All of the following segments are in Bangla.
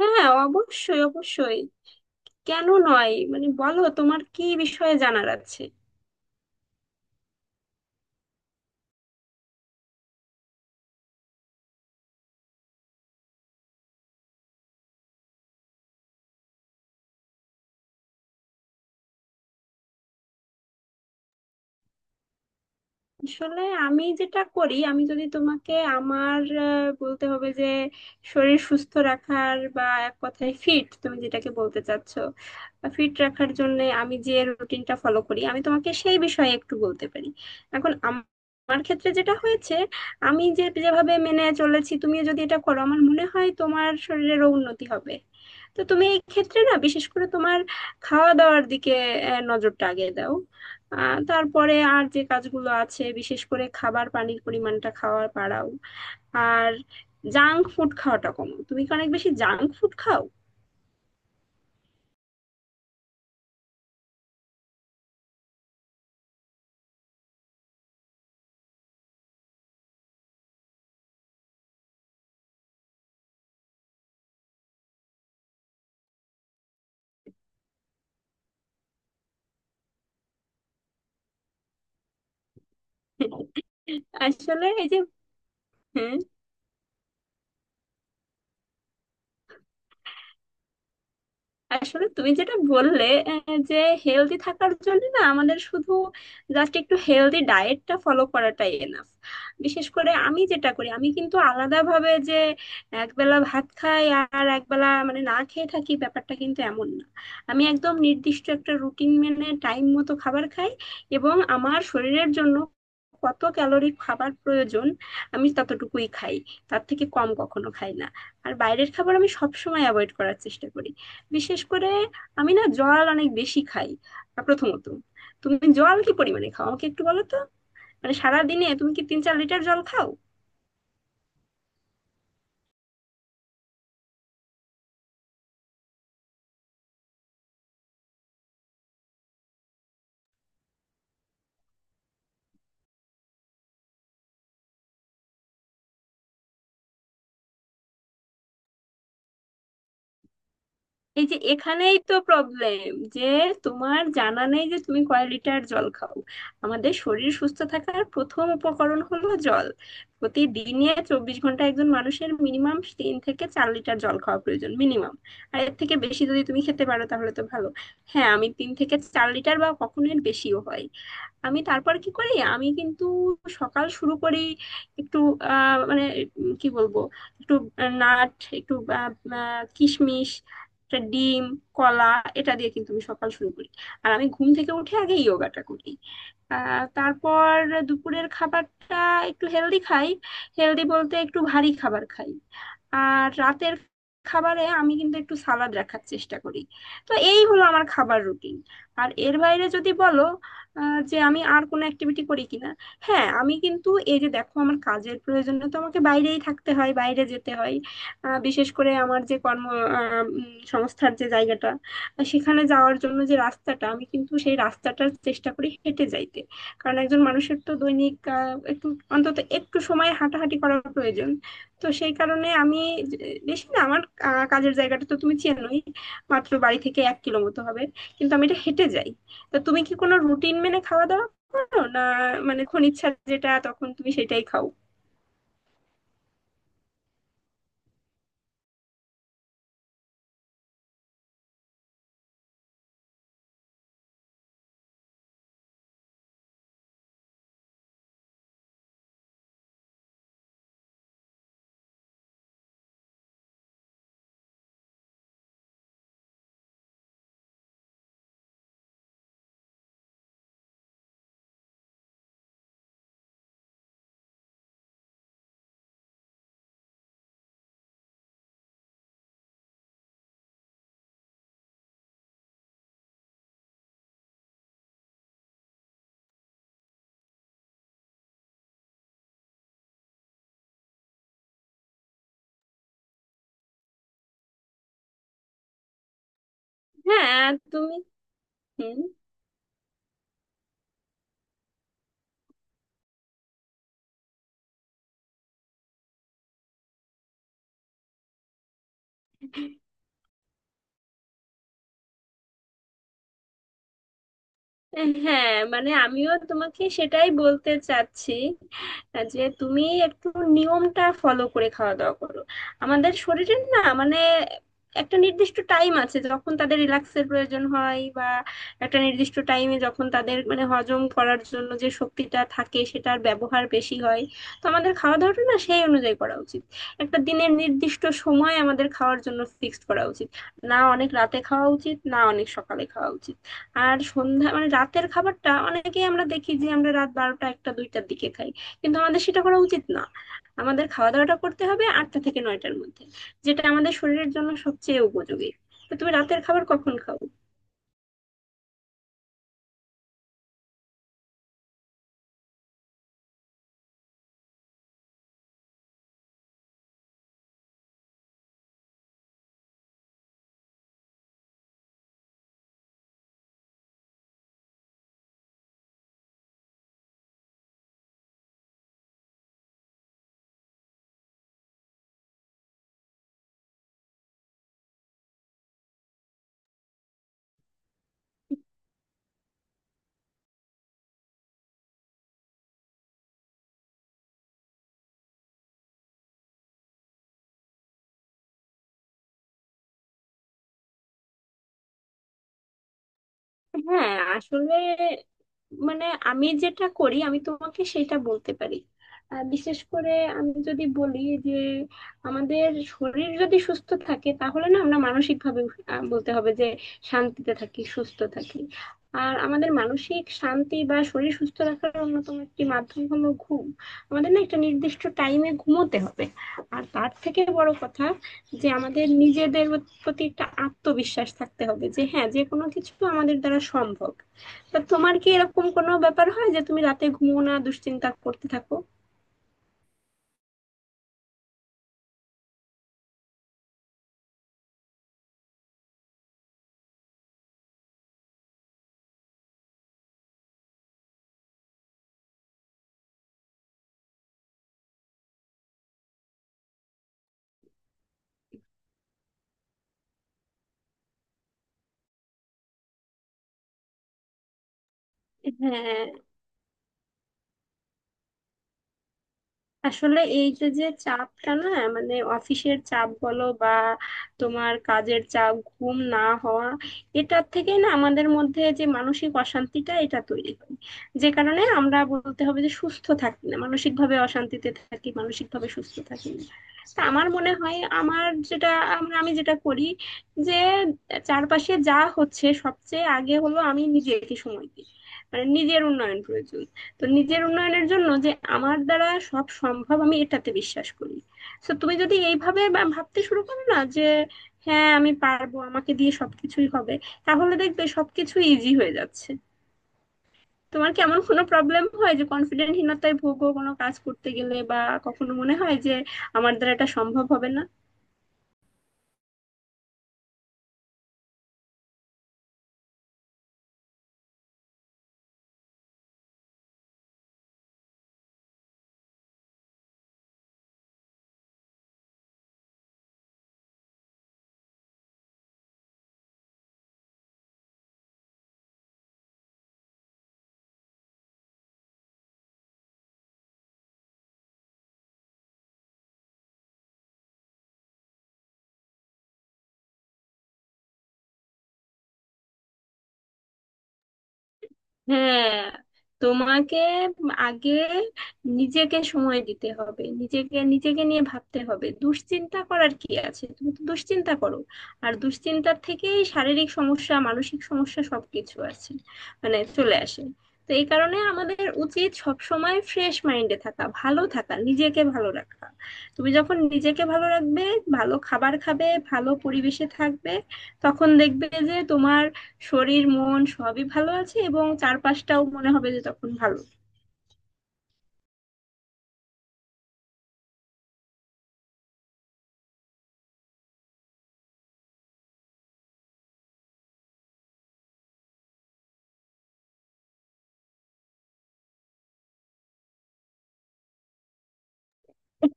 হ্যাঁ, অবশ্যই অবশ্যই। কেন নয়? মানে বলো, তোমার কি বিষয়ে জানার আছে? আসলে আমি যেটা করি, আমি যদি তোমাকে আমার বলতে হবে যে শরীর সুস্থ রাখার বা এক কথায় ফিট, তুমি যেটাকে বলতে চাচ্ছ, ফিট রাখার জন্য আমি যে রুটিনটা ফলো করি, আমি তোমাকে সেই বিষয়ে একটু বলতে পারি। এখন আমার ক্ষেত্রে যেটা হয়েছে, আমি যে যেভাবে মেনে চলেছি, তুমিও যদি এটা করো আমার মনে হয় তোমার শরীরেরও উন্নতি হবে। তো তুমি এই ক্ষেত্রে, না, বিশেষ করে তোমার খাওয়া দাওয়ার দিকে নজরটা আগে দাও। তারপরে আর যে কাজগুলো আছে, বিশেষ করে খাবার পানির পরিমাণটা খাওয়ার বাড়াও। আর জাঙ্ক ফুড খাওয়াটা কমাও। তুমি কি অনেক বেশি জাঙ্ক ফুড খাও? আসলে এই যে, হ্যাঁ, আসলে তুমি যেটা বললে, যে হেলদি থাকার জন্য না আমাদের শুধু জাস্ট একটু হেলদি ডায়েটটা ফলো করাটাই এনাফ। বিশেষ করে আমি যেটা করি, আমি কিন্তু আলাদাভাবে যে একবেলা ভাত খাই আর একবেলা মানে না খেয়ে থাকি, ব্যাপারটা কিন্তু এমন না। আমি একদম নির্দিষ্ট একটা রুটিন মেনে টাইম মতো খাবার খাই, এবং আমার শরীরের জন্য কত ক্যালোরি খাবার প্রয়োজন আমি ততটুকুই খাই, তার থেকে কম কখনো খাই না। আর বাইরের খাবার আমি সবসময় অ্যাভয়েড করার চেষ্টা করি। বিশেষ করে আমি না জল অনেক বেশি খাই। প্রথমত, তুমি জল কি পরিমাণে খাও আমাকে একটু বলো তো? মানে সারাদিনে তুমি কি 3-4 লিটার জল খাও? এই যে এখানেই তো প্রবলেম, যে তোমার জানা নেই যে তুমি কয় লিটার জল খাও। আমাদের শরীর সুস্থ থাকার প্রথম উপকরণ হলো জল। প্রতিদিনে 24 ঘন্টা একজন মানুষের মিনিমাম 3 থেকে 4 লিটার জল খাওয়া প্রয়োজন, মিনিমাম। আর এর থেকে বেশি যদি তুমি খেতে পারো তাহলে তো ভালো। হ্যাঁ, আমি 3 থেকে 4 লিটার বা কখনো এর বেশিও হয়। আমি তারপর কি করি, আমি কিন্তু সকাল শুরু করি একটু মানে কি বলবো, একটু নাট, একটু কিশমিশ, একটা ডিম, কলা, এটা দিয়ে কিন্তু আমি সকাল শুরু করি। আর আমি ঘুম থেকে উঠে আগে যোগাটা করি। তারপর দুপুরের খাবারটা একটু হেলদি খাই। হেলদি বলতে একটু ভারী খাবার খাই। আর রাতের খাবারে আমি কিন্তু একটু সালাদ রাখার চেষ্টা করি। তো এই হলো আমার খাবার রুটিন। আর এর বাইরে যদি বলো, যে আমি আর কোনো অ্যাক্টিভিটি করি কিনা, হ্যাঁ আমি কিন্তু এই যে দেখো আমার কাজের প্রয়োজনে তো আমাকে বাইরেই থাকতে হয়, বাইরে যেতে হয়। বিশেষ করে আমার যে কর্ম সংস্থার যে জায়গাটা, সেখানে যাওয়ার জন্য যে রাস্তাটা, আমি কিন্তু সেই রাস্তাটার চেষ্টা করি হেঁটে যাইতে। কারণ একজন মানুষের তো দৈনিক একটু, অন্তত একটু সময় হাঁটাহাঁটি করা প্রয়োজন। তো সেই কারণে আমি, যে- বেশি না, আমার কাজের জায়গাটা তো তুমি চেনোই, মাত্র বাড়ি থেকে 1 কিলো মতো হবে, কিন্তু আমি এটা হেঁটে যাই। তা তুমি কি কোনো রুটিন মেনে খাওয়া দাওয়া করো না? মানে যখন ইচ্ছা যেটা তখন তুমি সেটাই খাও? হ্যাঁ, তুমি, হুম, হ্যাঁ, মানে আমিও তোমাকে সেটাই বলতে চাচ্ছি, যে তুমি একটু নিয়মটা ফলো করে খাওয়া দাওয়া করো। আমাদের শরীরের না মানে একটা নির্দিষ্ট টাইম আছে যখন তাদের রিল্যাক্সের প্রয়োজন হয়, বা একটা নির্দিষ্ট টাইমে যখন তাদের মানে হজম করার জন্য যে শক্তিটা থাকে সেটার ব্যবহার বেশি হয়। তো আমাদের খাওয়া দাওয়াটা না সেই অনুযায়ী করা উচিত। একটা দিনের নির্দিষ্ট সময় আমাদের খাওয়ার জন্য ফিক্সড করা উচিত। না অনেক রাতে খাওয়া উচিত, না অনেক সকালে খাওয়া উচিত। আর সন্ধ্যা মানে রাতের খাবারটা অনেকেই আমরা দেখি যে আমরা রাত 12টা, 1টা, 2টার দিকে খাই, কিন্তু আমাদের সেটা করা উচিত না। আমাদের খাওয়া দাওয়াটা করতে হবে 8টা থেকে 9টার মধ্যে, যেটা আমাদের শরীরের জন্য সবচেয়ে উপযোগী। তো তুমি রাতের খাবার কখন খাও? হ্যাঁ, আসলে মানে আমি যেটা করি আমি তোমাকে সেটা বলতে পারি। বিশেষ করে আমি যদি বলি যে আমাদের শরীর যদি সুস্থ থাকে তাহলে না আমরা মানসিক ভাবে বলতে হবে যে শান্তিতে থাকি, সুস্থ থাকি। আর আমাদের মানসিক শান্তি বা শরীর সুস্থ রাখার অন্যতম একটি মাধ্যম হলো ঘুম। আমাদের না একটা নির্দিষ্ট টাইমে ঘুমোতে হবে। আর তার থেকে বড় কথা, যে আমাদের নিজেদের প্রতি একটা আত্মবিশ্বাস থাকতে হবে যে হ্যাঁ, যে কোনো কিছু আমাদের দ্বারা সম্ভব। তা তোমার কি এরকম কোনো ব্যাপার হয় যে তুমি রাতে ঘুমো না, দুশ্চিন্তা করতে থাকো? হ্যাঁ, আসলে এই যে যে চাপটা না, মানে অফিসের চাপ বলো বা তোমার কাজের চাপ, ঘুম না হওয়া, এটার থেকে না আমাদের মধ্যে যে মানসিক অশান্তিটা, এটা তৈরি হয়। যে কারণে আমরা বলতে হবে যে সুস্থ থাকি না, মানসিক ভাবে অশান্তিতে থাকি, মানসিক ভাবে সুস্থ থাকি না। তা আমার মনে হয় আমার যেটা, আমরা আমি যেটা করি, যে চারপাশে যা হচ্ছে সবচেয়ে আগে হলো আমি নিজেকে সময় দিই। মানে নিজের উন্নয়ন প্রয়োজন। তো নিজের উন্নয়নের জন্য যে আমার দ্বারা সব সম্ভব, আমি এটাতে বিশ্বাস করি। তো তুমি যদি এইভাবে ভাবতে শুরু করো না যে হ্যাঁ আমি পারবো, আমাকে দিয়ে সবকিছুই হবে, তাহলে দেখবে সবকিছু ইজি হয়ে যাচ্ছে। তোমার কি এমন কোনো প্রবলেম হয় যে কনফিডেন্টহীনতায় ভোগো কোনো কাজ করতে গেলে, বা কখনো মনে হয় যে আমার দ্বারা এটা সম্ভব হবে না? হ্যাঁ, তোমাকে আগে নিজেকে সময় দিতে হবে, নিজেকে নিজেকে নিয়ে ভাবতে হবে। দুশ্চিন্তা করার কি আছে? তুমি তো দুশ্চিন্তা করো, আর দুশ্চিন্তার থেকেই শারীরিক সমস্যা, মানসিক সমস্যা সবকিছু আছে মানে চলে আসে। তো এই কারণে আমাদের উচিত সব সময় ফ্রেশ মাইন্ডে থাকা, ভালো থাকা, নিজেকে ভালো রাখা। তুমি যখন নিজেকে ভালো রাখবে, ভালো খাবার খাবে, ভালো পরিবেশে থাকবে, তখন দেখবে যে তোমার শরীর মন সবই ভালো আছে এবং চারপাশটাও মনে হবে যে তখন ভালো।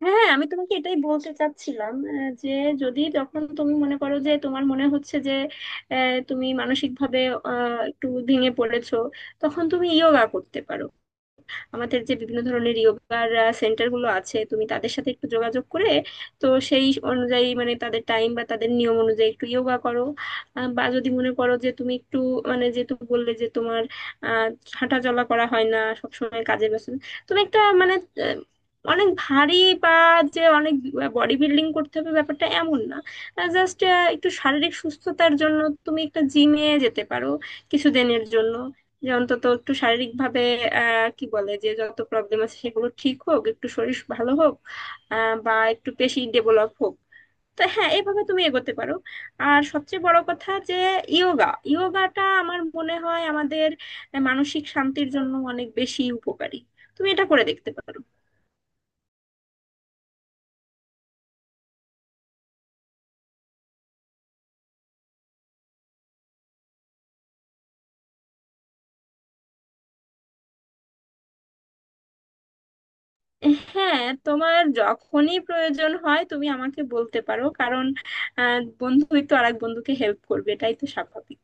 হ্যাঁ, আমি তোমাকে এটাই বলতে চাচ্ছিলাম, যে যদি তখন তুমি মনে করো যে তোমার মনে হচ্ছে যে তুমি মানসিকভাবে একটু ভেঙে পড়েছো, তখন তুমি ইয়োগা করতে পারো। আমাদের যে বিভিন্ন ধরনের ইয়োগার সেন্টার গুলো আছে, তুমি তাদের সাথে একটু যোগাযোগ করে, তো সেই অনুযায়ী মানে তাদের টাইম বা তাদের নিয়ম অনুযায়ী একটু ইয়োগা করো। বা যদি মনে করো যে তুমি একটু মানে, যেহেতু বললে যে তোমার আহ হাঁটা চলা করা হয় না সবসময় কাজের ব্যস্ত, তুমি একটা মানে আহ, অনেক ভারী, বা যে অনেক বডি বিল্ডিং করতে হবে, ব্যাপারটা এমন না। জাস্ট একটু শারীরিক সুস্থতার জন্য তুমি একটা জিমে যেতে পারো কিছুদিনের জন্য, যে অন্তত একটু শারীরিক ভাবে কি বলে, যে যত প্রবলেম আছে সেগুলো ঠিক হোক, একটু শরীর ভালো হোক, বা একটু পেশি ডেভেলপ হোক। তো হ্যাঁ এইভাবে তুমি এগোতে পারো। আর সবচেয়ে বড় কথা যে ইয়োগাটা আমার মনে হয় আমাদের মানসিক শান্তির জন্য অনেক বেশি উপকারী। তুমি এটা করে দেখতে পারো। হ্যাঁ, তোমার যখনই প্রয়োজন হয় তুমি আমাকে বলতে পারো, কারণ বন্ধুই তো আরেক বন্ধুকে হেল্প করবে, এটাই তো স্বাভাবিক।